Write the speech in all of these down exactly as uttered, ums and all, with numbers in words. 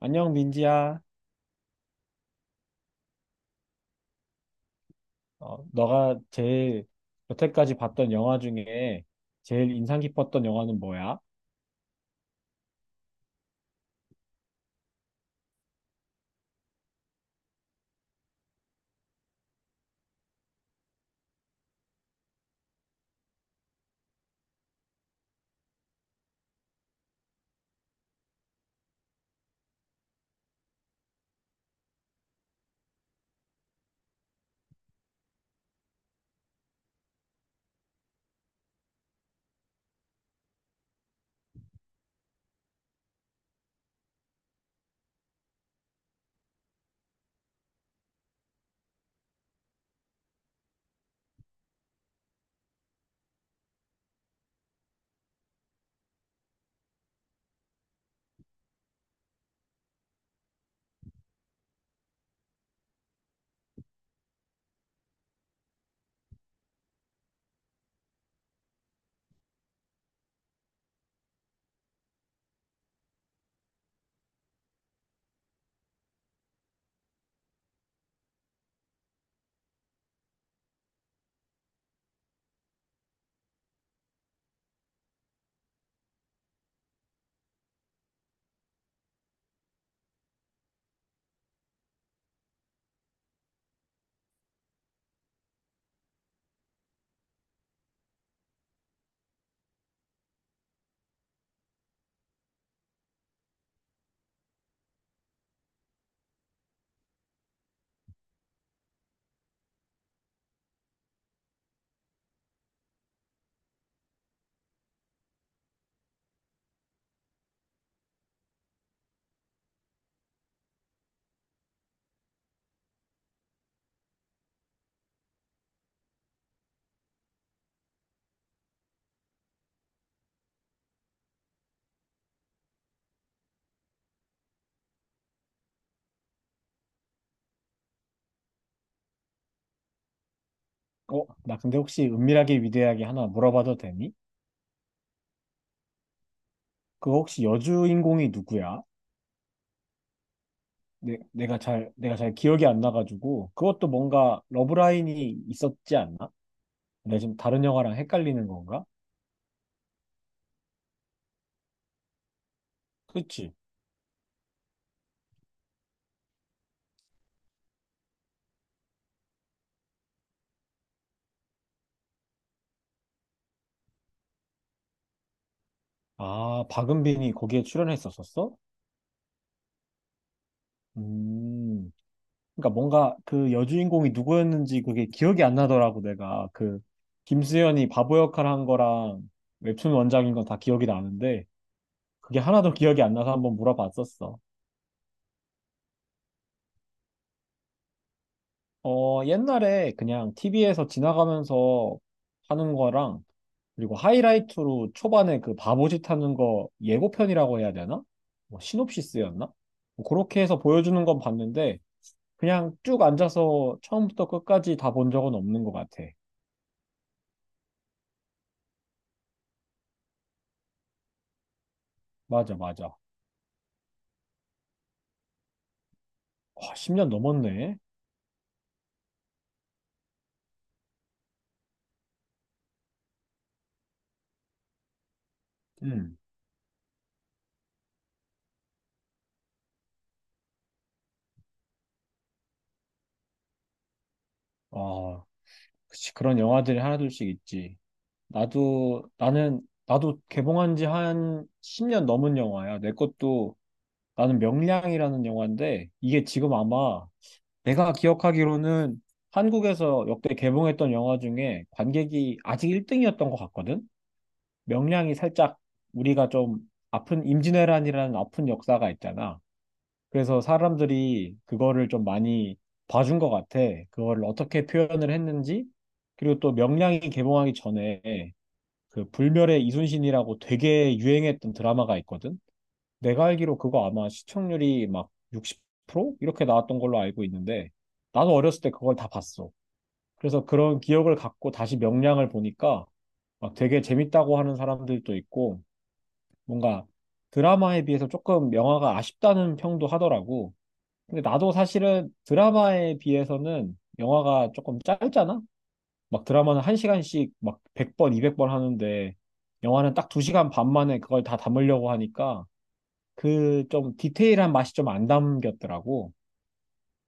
안녕, 민지야. 어, 너가 제일 여태까지 봤던 영화 중에 제일 인상 깊었던 영화는 뭐야? 어, 나 근데 혹시 은밀하게 위대하게 하나 물어봐도 되니? 그거 혹시 여주인공이 누구야? 내, 내가 잘, 내가 잘 기억이 안 나가지고 그것도 뭔가 러브라인이 있었지 않나? 내가 지금 다른 영화랑 헷갈리는 건가? 그치? 아, 박은빈이 거기에 출연했었었어? 음, 그러니까 뭔가 그 여주인공이 누구였는지 그게 기억이 안 나더라고. 내가 그 김수현이 바보 역할 한 거랑 웹툰 원작인 건 다 기억이 나는데 그게 하나도 기억이 안 나서 한번 물어봤었어. 어, 옛날에 그냥 티비에서 지나가면서 하는 거랑 그리고 하이라이트로 초반에 그 바보짓 하는 거 예고편이라고 해야 되나? 뭐 시놉시스였나? 뭐 그렇게 해서 보여주는 건 봤는데 그냥 쭉 앉아서 처음부터 끝까지 다 본 적은 없는 것 같아. 맞아, 맞아. 와, 십 년 넘었네. 음. 아, 그치. 그런 영화들이 하나둘씩 있지. 나도, 나는, 나도 개봉한 지 한 십 년 넘은 영화야, 내 것도. 나는 명량이라는 영화인데, 이게 지금 아마 내가 기억하기로는 한국에서 역대 개봉했던 영화 중에 관객이 아직 일 등이었던 것 같거든? 명량이 살짝 우리가 좀 아픈, 임진왜란이라는 아픈 역사가 있잖아. 그래서 사람들이 그거를 좀 많이 봐준 것 같아. 그거를 어떻게 표현을 했는지. 그리고 또 명량이 개봉하기 전에 그 불멸의 이순신이라고 되게 유행했던 드라마가 있거든. 내가 알기로 그거 아마 시청률이 막 육십 프로 이렇게 나왔던 걸로 알고 있는데 나도 어렸을 때 그걸 다 봤어. 그래서 그런 기억을 갖고 다시 명량을 보니까 막 되게 재밌다고 하는 사람들도 있고 뭔가 드라마에 비해서 조금 영화가 아쉽다는 평도 하더라고. 근데 나도 사실은 드라마에 비해서는 영화가 조금 짧잖아? 막 드라마는 한 시간씩 막 백 번, 이백 번 하는데 영화는 딱 두 시간 반 만에 그걸 다 담으려고 하니까 그 좀 디테일한 맛이 좀 안 담겼더라고.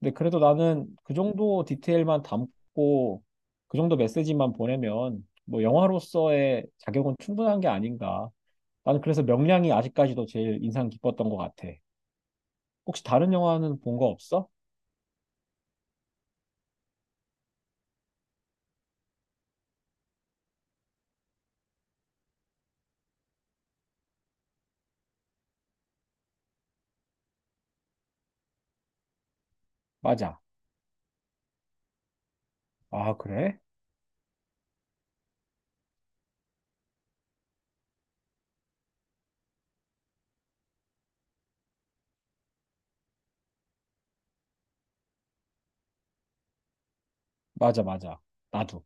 근데 그래도 나는 그 정도 디테일만 담고 그 정도 메시지만 보내면 뭐 영화로서의 자격은 충분한 게 아닌가. 나는 그래서 명량이 아직까지도 제일 인상 깊었던 것 같아. 혹시 다른 영화는 본 거 없어? 맞아. 아, 그래? 맞아, 맞아. 나도.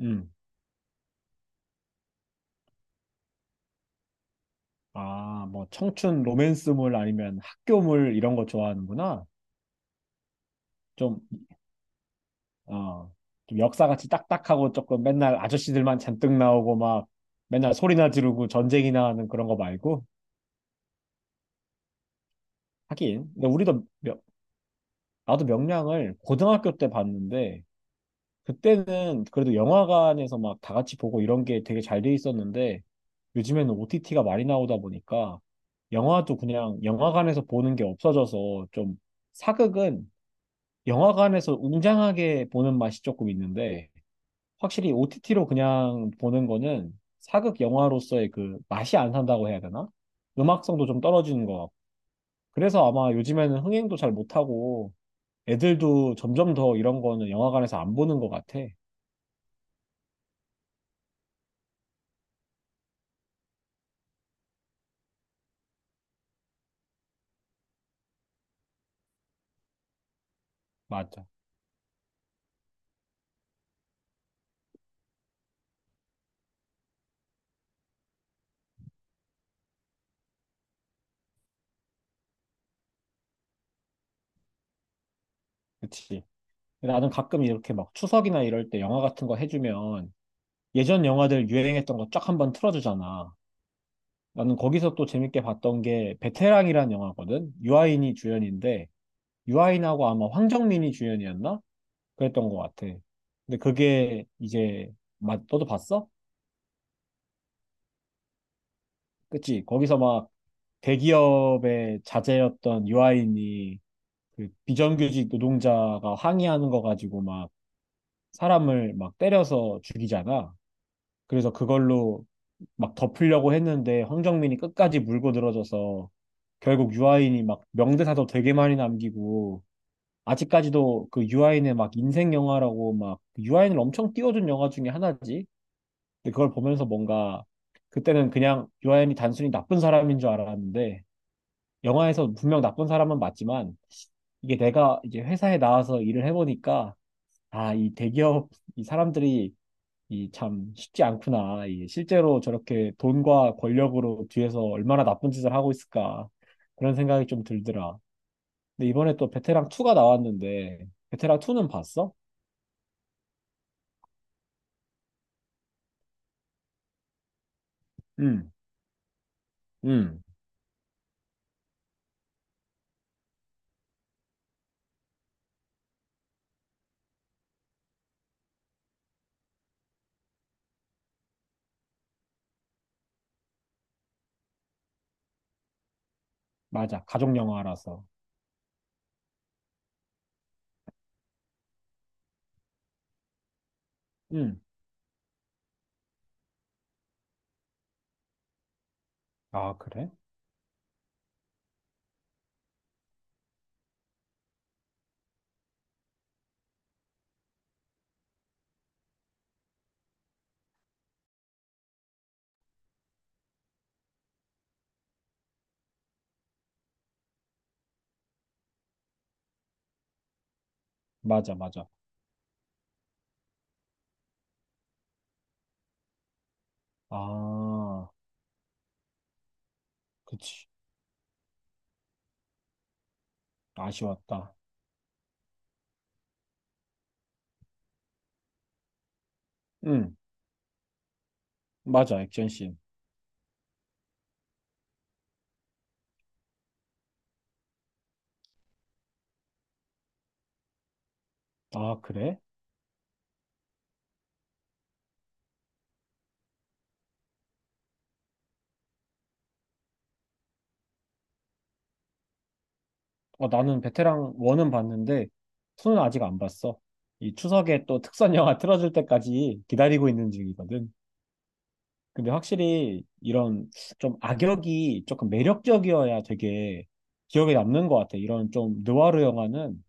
음. 아, 뭐, 청춘 로맨스물 아니면 학교물 이런 거 좋아하는구나. 좀, 어, 좀 역사같이 딱딱하고 조금 맨날 아저씨들만 잔뜩 나오고 막 맨날 소리나 지르고 전쟁이나 하는 그런 거 말고. 하긴. 근데 우리도, 명- 나도 명량을 고등학교 때 봤는데 그때는 그래도 영화관에서 막 다 같이 보고 이런 게 되게 잘 돼 있었는데 요즘에는 오티티가 많이 나오다 보니까 영화도 그냥 영화관에서 보는 게 없어져서 좀, 사극은 영화관에서 웅장하게 보는 맛이 조금 있는데 확실히 오티티로 그냥 보는 거는 사극 영화로서의 그 맛이 안 산다고 해야 되나? 음악성도 좀 떨어지는 것 같고. 그래서 아마 요즘에는 흥행도 잘 못하고 애들도 점점 더 이런 거는 영화관에서 안 보는 것 같아. 맞아. 그치. 나는 가끔 이렇게 막 추석이나 이럴 때 영화 같은 거 해주면 예전 영화들 유행했던 거 쫙 한번 틀어주잖아. 나는 거기서 또 재밌게 봤던 게 베테랑이란 영화거든. 유아인이 주연인데 유아인하고 아마 황정민이 주연이었나? 그랬던 것 같아. 근데 그게 이제 맞 너도 봤어? 그치? 거기서 막 대기업의 자제였던 유아인이 그 비정규직 노동자가 항의하는 거 가지고 막 사람을 막 때려서 죽이잖아. 그래서 그걸로 막 덮으려고 했는데 황정민이 끝까지 물고 들어져서 결국 유아인이 막 명대사도 되게 많이 남기고 아직까지도 그 유아인의 막 인생 영화라고 막 유아인을 엄청 띄워준 영화 중에 하나지. 근데 그걸 보면서 뭔가 그때는 그냥 유아인이 단순히 나쁜 사람인 줄 알았는데 영화에서 분명 나쁜 사람은 맞지만 이게 내가 이제 회사에 나와서 일을 해보니까, 아, 이 대기업 이 사람들이 이 참 쉽지 않구나. 이 실제로 저렇게 돈과 권력으로 뒤에서 얼마나 나쁜 짓을 하고 있을까. 그런 생각이 좀 들더라. 근데 이번에 또 베테랑 투가 나왔는데, 베테랑 투는 봤어? 응, 응. 맞아. 가족 영화라서. 응. 아, 그래? 맞아, 맞아. 아, 그치. 아쉬웠다. 응, 맞아. 액션씬. 아, 그래? 어, 나는 베테랑 원은 봤는데 투는 아직 안 봤어. 이 추석에 또 특선 영화 틀어줄 때까지 기다리고 있는 중이거든. 근데 확실히 이런 좀 악역이 조금 매력적이어야 되게 기억에 남는 것 같아. 이런 좀 느와르 영화는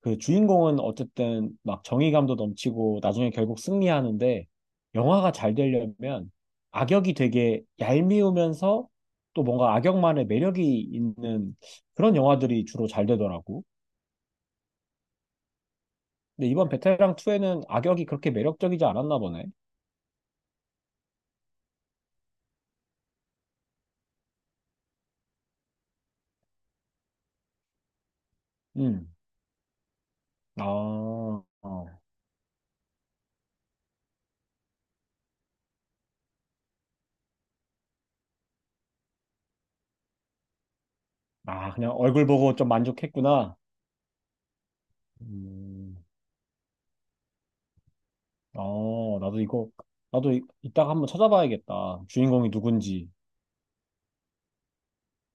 그 주인공은 어쨌든 막 정의감도 넘치고 나중에 결국 승리하는데 영화가 잘 되려면 악역이 되게 얄미우면서 또 뭔가 악역만의 매력이 있는 그런 영화들이 주로 잘 되더라고. 근데 이번 베테랑 투에는 악역이 그렇게 매력적이지 않았나 보네. 음. 아, 어. 아, 그냥 얼굴 보고 좀 만족했구나. 음. 어, 나도 이거, 나도 이, 이따가 한번 찾아봐야겠다, 주인공이 누군지.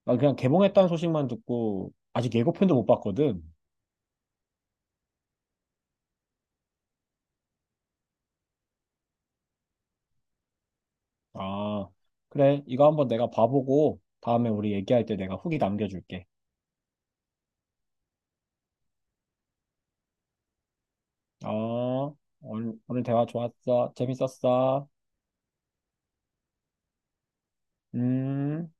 나 그냥 개봉했다는 소식만 듣고 아직 예고편도 못 봤거든. 아, 그래. 이거 한번 내가 봐보고 다음에 우리 얘기할 때 내가 후기 남겨줄게. 아, 오늘, 오늘 대화 좋았어. 재밌었어. 음.